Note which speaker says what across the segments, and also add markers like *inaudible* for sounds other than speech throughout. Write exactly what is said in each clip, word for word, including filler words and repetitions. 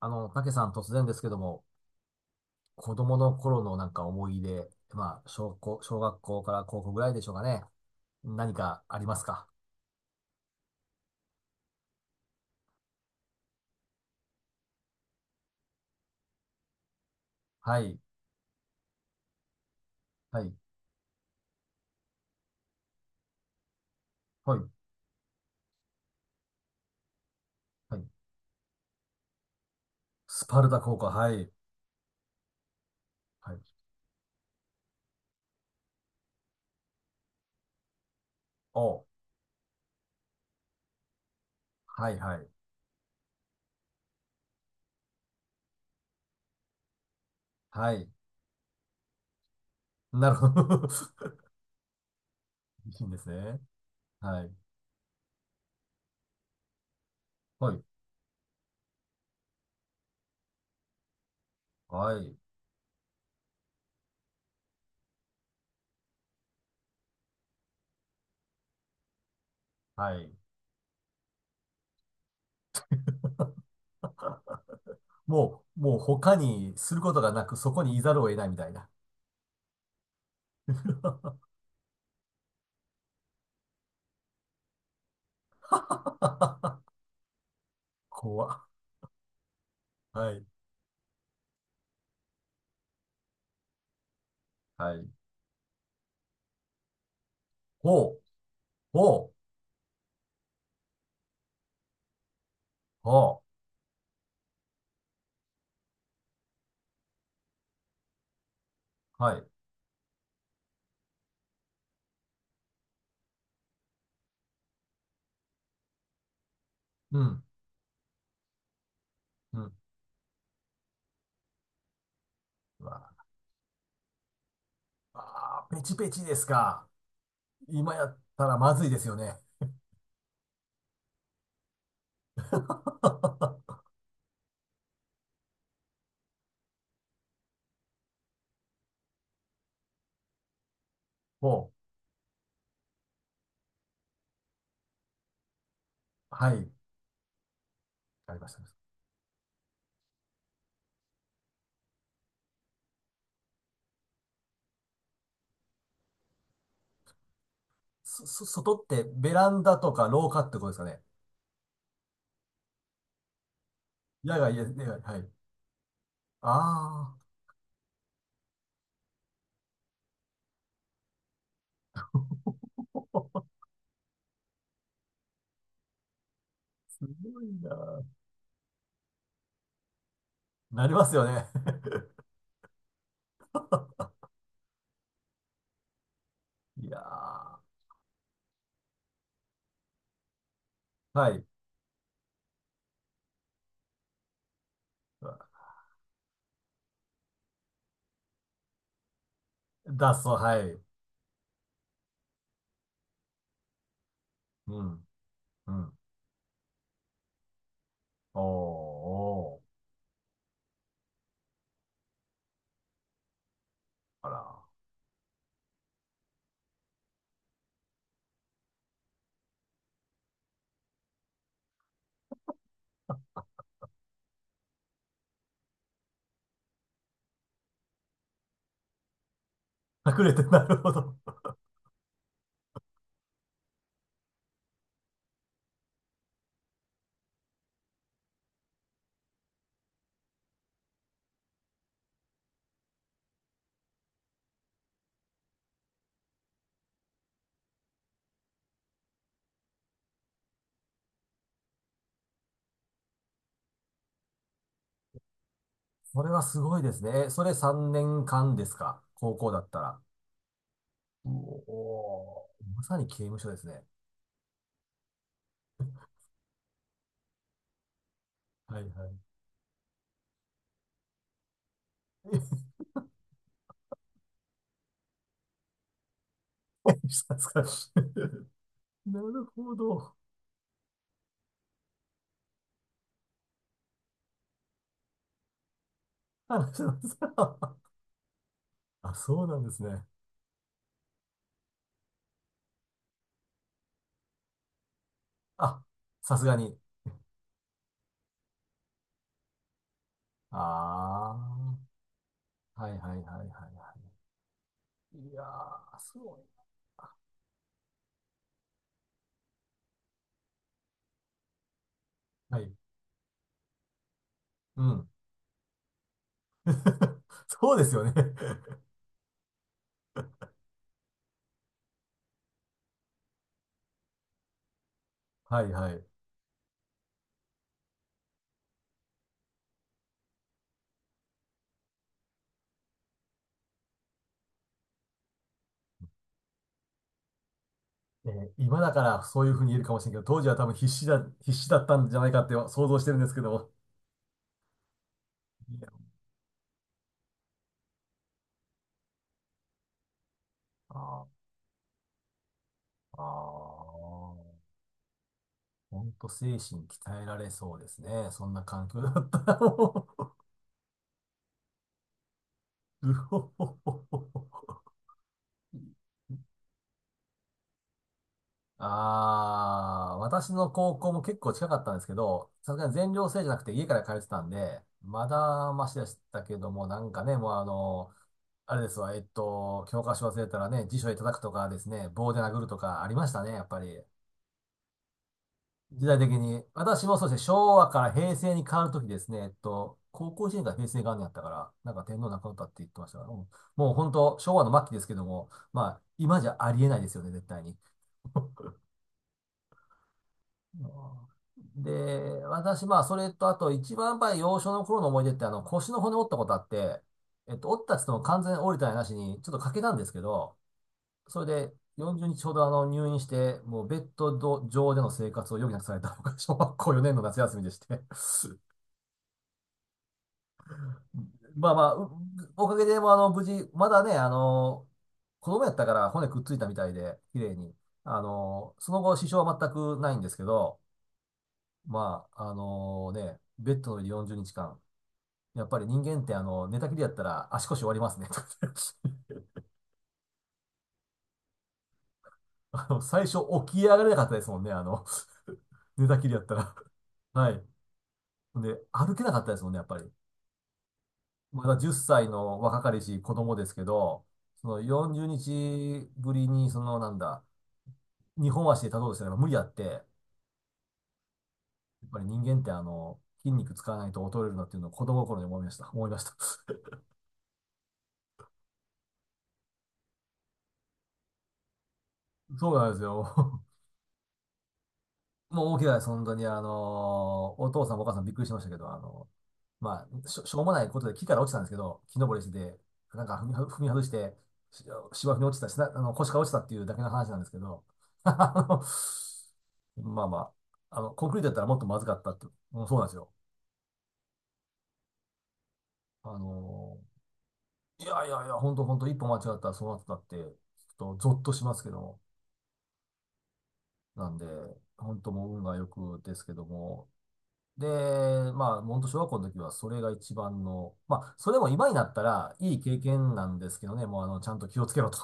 Speaker 1: あの、たけさん突然ですけども、子供の頃のなんか思い出、まあ、小校、小学校から高校ぐらいでしょうかね。何かありますか？はい、はい、はい、はい。スパルタ高校、はい、はい。お、はい、はい、はい。なるほど。*laughs* いいんですね。はい、はい、はい、はい。もう、もう他にすることがなく、そこにいざるを得ないみたいな。*laughs* 怖っ。はい、はい。ほう、ほう、ほう。はい。うん、うん。うわ、まあー、ペチペチですか。今やったらまずいですよね。*laughs* ほう。はい。ありました。そ、そ、外ってベランダとか廊下ってことですかね。野外、野外、はい。ああ、*laughs* すごいな。なりますよね。*laughs* いやー、はい。脱走、はい。うん、うん。おー、おー、あら。隠れて、なるほど。*laughs* それはすごいですね。え、それさんねんかんですか、高校だったら。おおー、まさに刑務所ですね。はいはい。*laughs* したですか。なるほど。話しました。あ、そうなんですね。あ、さすがに。ああ、はいはいはいはいはい。いやー、すごい。はい。うん。*laughs* そうですよね。はいはい。えー、今だからそういうふうに言えるかもしれんけど、当時は多分必死だ、必死だったんじゃないかって想像してるんですけども。いやあー、あー、ほんと精神鍛えられそうですね。そんな環境だったらもう。うほほほほほ。ああ、私の高校も結構近かったんですけど、さすがに全寮制じゃなくて家から通ってたんで、まだマシでしたけども、なんかね、もうあの、あれですわ、えっと、教科書忘れたらね、辞書で叩くとかですね、棒で殴るとかありましたね、やっぱり。時代的に、私もそうですね、昭和から平成に変わるときですね、えっと、高校いちねんから平成元年やったから、なんか天皇亡くなったって言ってましたから。うん、もう本当、昭和の末期ですけども、まあ、今じゃありえないですよね、絶対に。うん。で、私、まあ、それと、あと、一番やっぱり幼少の頃の思い出って、あの、腰の骨折ったことあって、えっと、折ったっつっても完全に折れたりなしに、ちょっと欠けたんですけど、それでよんじゅうにちほどあの入院して、もうベッド上での生活を余儀なくされたのが小学校よねんの夏休みでして。 *laughs* まあまあ、う、おかげで、まあ、あの、無事、まだね、あの、子供やったから骨くっついたみたいで、綺麗に。あの、その後、支障は全くないんですけど、まあ、あのね、ベッドの上でよんじゅうにちかん。やっぱり人間って、あの、寝たきりやったら足腰終わりますね。*laughs* あの、最初起き上がれなかったですもんね、あの、*laughs* 寝たきりやったら。はい。で、歩けなかったですもんね、やっぱり。まだじゅっさいの若かりし子供ですけど、そのよんじゅうにちぶりに、そのなんだ、日本足で立とうとしたら無理やって、やっぱり人間ってあの、筋肉使わないと衰えるなっていうのを子供心に思いました。思いました。*laughs* そうなんですよ。*laughs* もう大きなです、本当に。あの、お父さんお母さんびっくりしましたけど、あの、まあ、しょ、しょうもないことで木から落ちたんですけど、木登りしてて、なんか踏み、踏み外して、し、芝生に落ちたしな、あの、腰から落ちたっていうだけの話なんですけど、*laughs* あの、まあまあ、あの、コンクリートだったらもっとまずかったって、もうそうなんですよ。あの、いやいやいや、本当本当一歩間違ったらそうなってたって、ちょっとゾッとしますけども。なんで、本当もう運が良くですけども。で、まあ、本当小学校の時はそれが一番の、まあ、それも今になったらいい経験なんですけどね、もうあの、ちゃんと気をつけろと。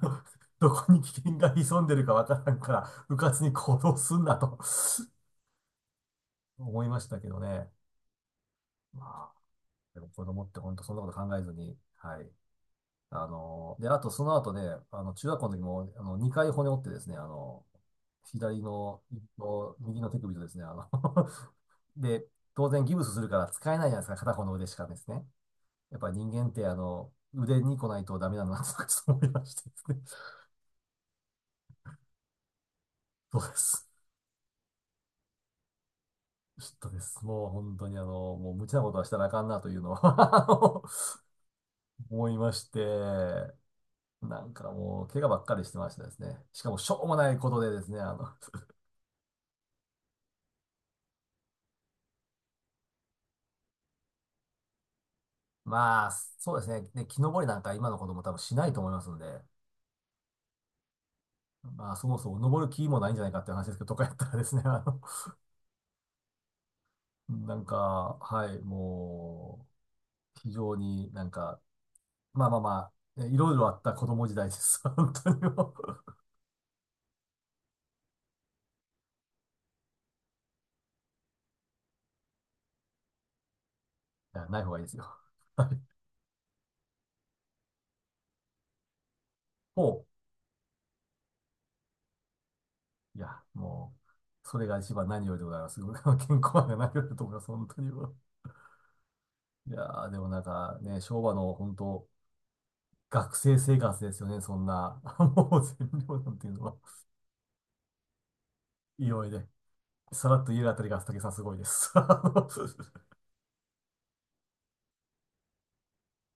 Speaker 1: *laughs* どこに危険が潜んでるかわからんから、うかつに行動すんなと。 *laughs* 思いましたけどね。まあ、でも子供って本当そんなこと考えずに、はい。あの、で、あとその後ね、あの、中学校の時も、あの、にかい骨折ってですね、あの、左の、と右の手首とですね、あの。 *laughs* で、当然ギブスするから使えないじゃないですか、片方の腕しかですね。やっぱり人間って、あの、腕に来ないとダメなんだなと、ちょっと思いましてですね。*laughs* そうです。ちょっとです。もう本当にあの、もう無茶なことはしたらあかんなというのは。 *laughs* あの、思いまして、なんかもう怪我ばっかりしてましたですね。しかもしょうもないことでですね、あの、まあ、そうですね。で、木登りなんか今の子供多分しないと思いますんで、まあ、そもそも登る気もないんじゃないかっていう話ですけど、とかやったらですね、*laughs* あの、なんか、はい、もう、非常になんか、まあまあまあ、いろいろあった子供時代です。*laughs* 本当にもう。いや、ない方がいいですよ。*laughs* ほう。いや、もう、それが一番何よりでございます。*laughs* 健康が何よりだと思います。本当にもう。いやー、でもなんかね、昭和の本当、学生生活ですよね、そんな。*laughs* もう全量なんていうのは。いいいで、さらっと言えるあたりが、武井さんすごいです。*laughs*